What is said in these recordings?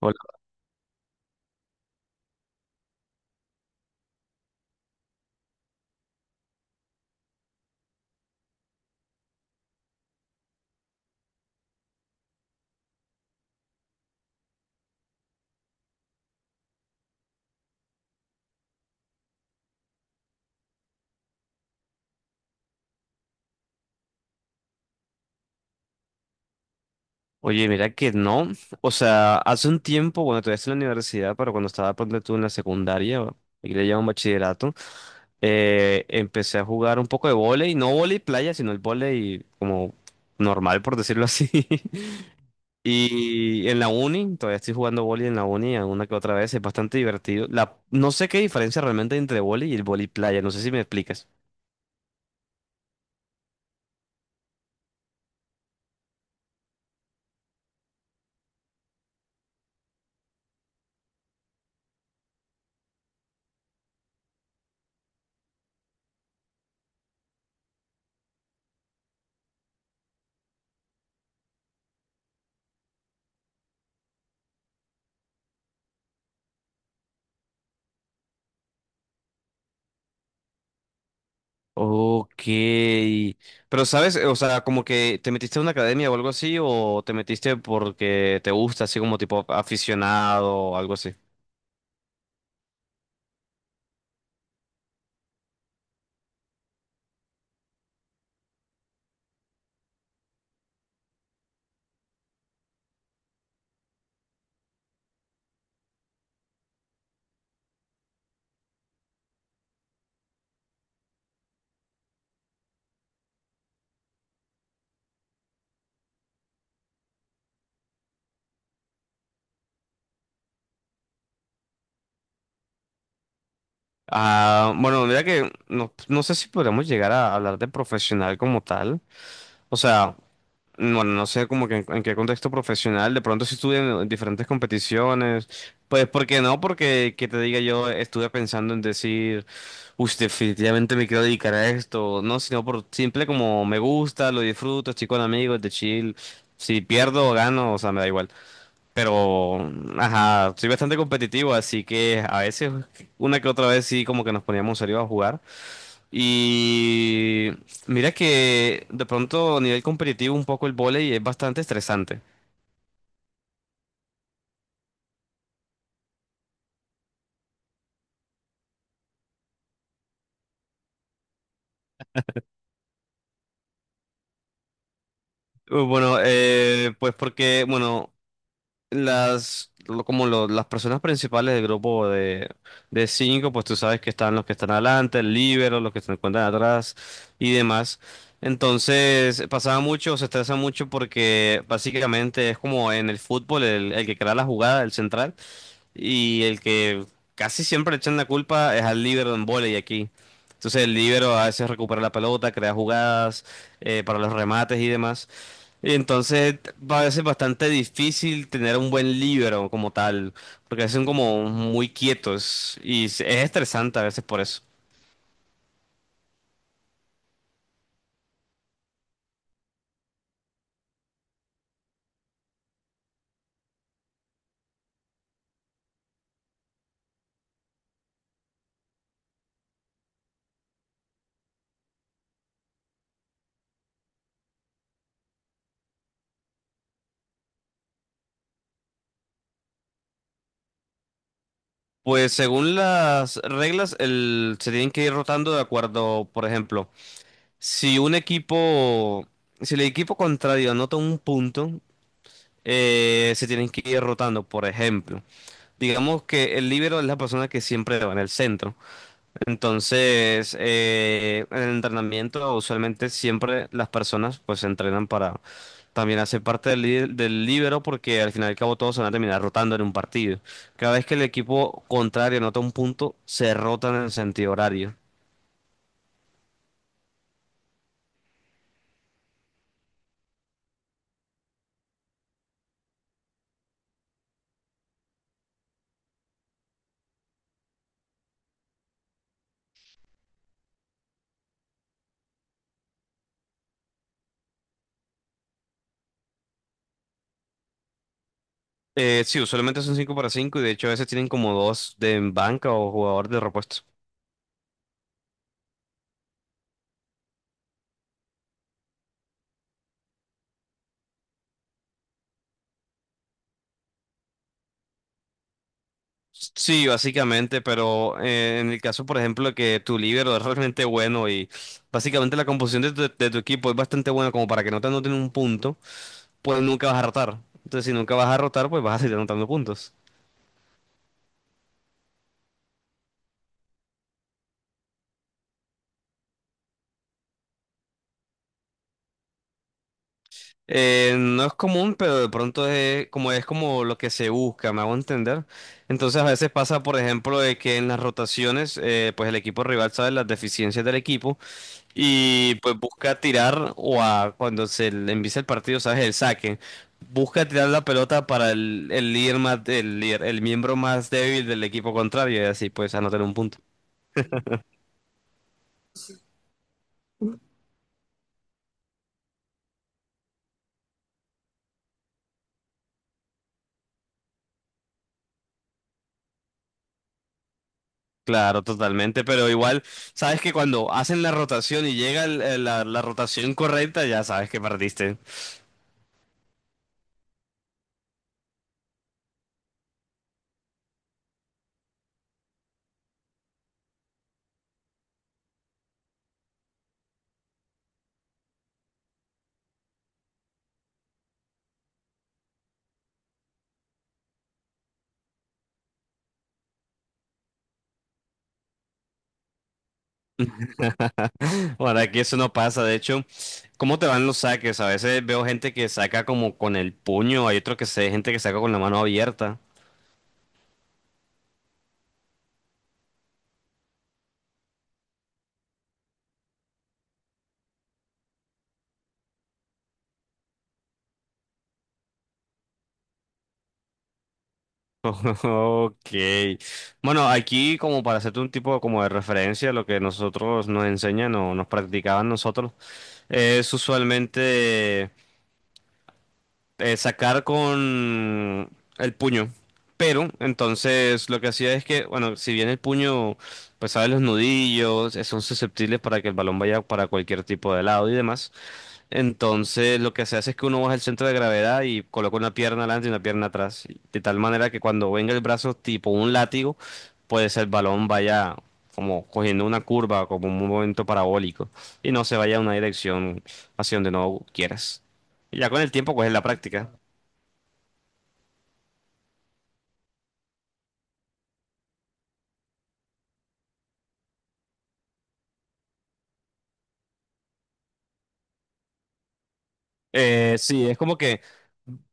Hola. Oye, mira que no. O sea, hace un tiempo, bueno, todavía estoy en la universidad, pero cuando estaba ponte tú en la secundaria, le llaman bachillerato. Empecé a jugar un poco de vóley, no vóley playa, sino el vóley como normal, por decirlo así. Y en la uni, todavía estoy jugando vóley en la uni, alguna que otra vez, es bastante divertido. No sé qué diferencia realmente hay entre vóley y el vóley playa, no sé si me explicas. Ok, pero sabes, o sea, como que te metiste a una academia o algo así, o te metiste porque te gusta, así como tipo aficionado o algo así. Ah, bueno, mira que no, no sé si podríamos llegar a hablar de profesional como tal. O sea, bueno, no sé como que en qué contexto profesional, de pronto si estuve en diferentes competiciones, pues ¿por qué no? Porque que te diga yo estuve pensando en decir, uy, definitivamente me quiero dedicar a esto, no, sino por simple como me gusta, lo disfruto, estoy con amigos, de chill, si pierdo o gano, o sea, me da igual, pero, ajá, soy bastante competitivo, así que a veces, una que otra vez sí como que nos poníamos serios a jugar. Y mira que de pronto a nivel competitivo un poco el vóley es bastante estresante. Bueno, pues porque, bueno, las, lo- como lo- las personas principales del grupo de cinco, pues tú sabes que están los que están adelante, el líbero, los que se encuentran atrás y demás. Entonces, pasaba mucho, se estresa mucho porque básicamente es como en el fútbol, el que crea la jugada, el central. Y el que casi siempre le echan la culpa es al líbero en vóley aquí. Entonces el líbero a veces recupera la pelota, crea jugadas para los remates y demás. Y entonces va a veces bastante difícil tener un buen líbero como tal, porque son como muy quietos y es estresante a veces por eso. Pues según las reglas, el, se tienen que ir rotando de acuerdo, por ejemplo, si un equipo, si el equipo contrario anota un punto, se tienen que ir rotando. Por ejemplo, digamos que el líbero es la persona que siempre va en el centro. Entonces, en el entrenamiento, usualmente siempre las personas pues se entrenan para también hacer parte del líbero porque al final y al cabo todos se van a terminar rotando en un partido. Cada vez que el equipo contrario anota un punto, se rotan en el sentido horario. Sí, usualmente son 5 para cinco y de hecho a veces tienen como dos de en banca o jugador de repuesto. Sí, básicamente, pero en el caso, por ejemplo, de que tu líbero es realmente bueno y básicamente la composición de tu equipo es bastante buena como para que no te anoten un punto, pues nunca vas a rotar. Entonces, si nunca vas a rotar, pues vas a seguir anotando puntos. No es común, pero de pronto es como lo que se busca, me hago entender. Entonces, a veces pasa, por ejemplo, de que en las rotaciones, pues el equipo rival sabe las deficiencias del equipo. Y pues busca tirar o a cuando se le empieza el partido, sabes, el saque. Busca tirar la pelota para el líder más, el miembro más débil del equipo contrario y así pues anotar un punto. Claro, totalmente, pero igual sabes que cuando hacen la rotación y llega la rotación correcta, ya sabes que perdiste. Bueno, aquí eso no pasa, de hecho, ¿cómo te van los saques? A veces veo gente que saca como con el puño, hay otros gente que saca con la mano abierta. Ok. Bueno, aquí como para hacerte un tipo como de referencia, lo que nosotros nos enseñan o nos practicaban nosotros es usualmente, sacar con el puño. Pero entonces lo que hacía es que, bueno, si bien el puño, pues sabe los nudillos, son susceptibles para que el balón vaya para cualquier tipo de lado y demás. Entonces lo que se hace es que uno baja el centro de gravedad y coloca una pierna adelante y una pierna atrás, y de tal manera que cuando venga el brazo tipo un látigo, pues el balón vaya como cogiendo una curva, como un movimiento parabólico, y no se vaya a una dirección hacia donde no quieras. Y ya con el tiempo, pues es la práctica. Sí, es como que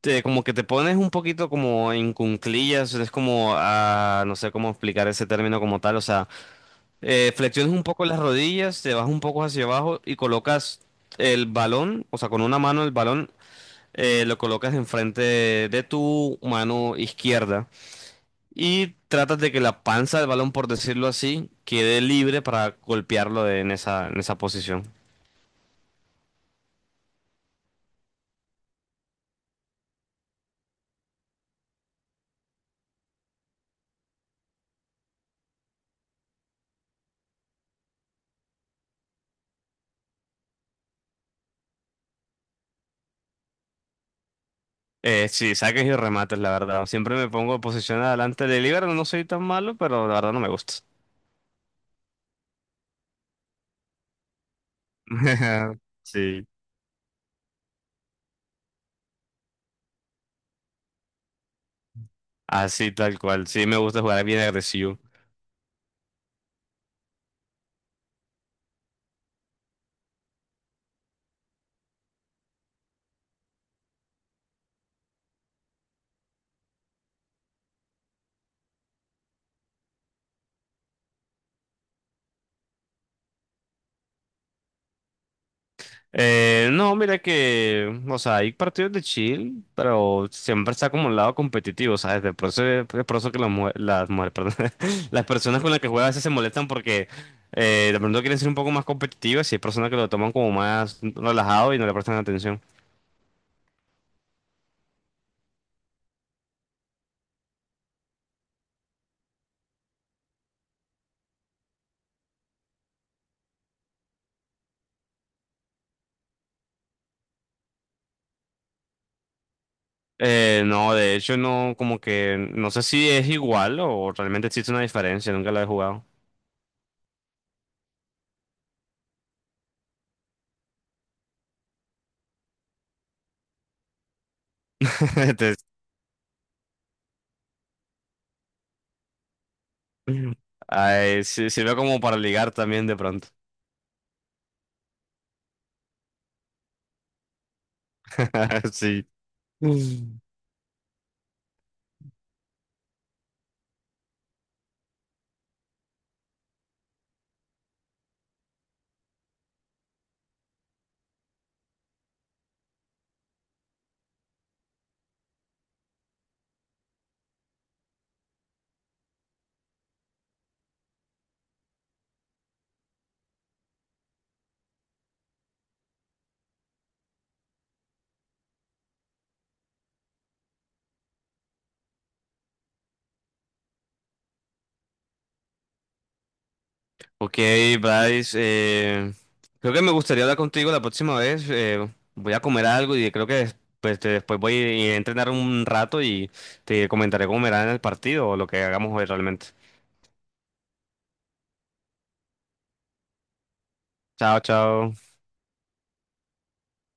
como que te pones un poquito como en cunclillas, es como, ah, no sé cómo explicar ese término como tal, o sea, flexiones un poco las rodillas, te vas un poco hacia abajo y colocas el balón, o sea, con una mano el balón, lo colocas enfrente de tu mano izquierda y tratas de que la panza del balón, por decirlo así, quede libre para golpearlo en esa posición. Sí, saques y remates, la verdad. Siempre me pongo en posición adelante de libero, no soy tan malo, pero la verdad no me gusta. Sí, así tal cual. Sí, me gusta jugar bien agresivo. No, mira que, o sea, hay partidos de chill, pero siempre está como un lado competitivo, ¿sabes? De por eso que perdón, las personas con las que juega a veces se molestan porque, de pronto quieren ser un poco más competitivas y hay personas que lo toman como más relajado y no le prestan atención. No, de hecho, no, como que, no sé si es igual o realmente existe una diferencia, nunca la he jugado. Entonces, ay, sí, sirve como para ligar también de pronto. Sí. Ok, Bryce, creo que me gustaría hablar contigo la próxima vez. Voy a comer algo y creo que después voy a entrenar un rato y te comentaré cómo me irá en el partido o lo que hagamos hoy realmente. Chao, chao.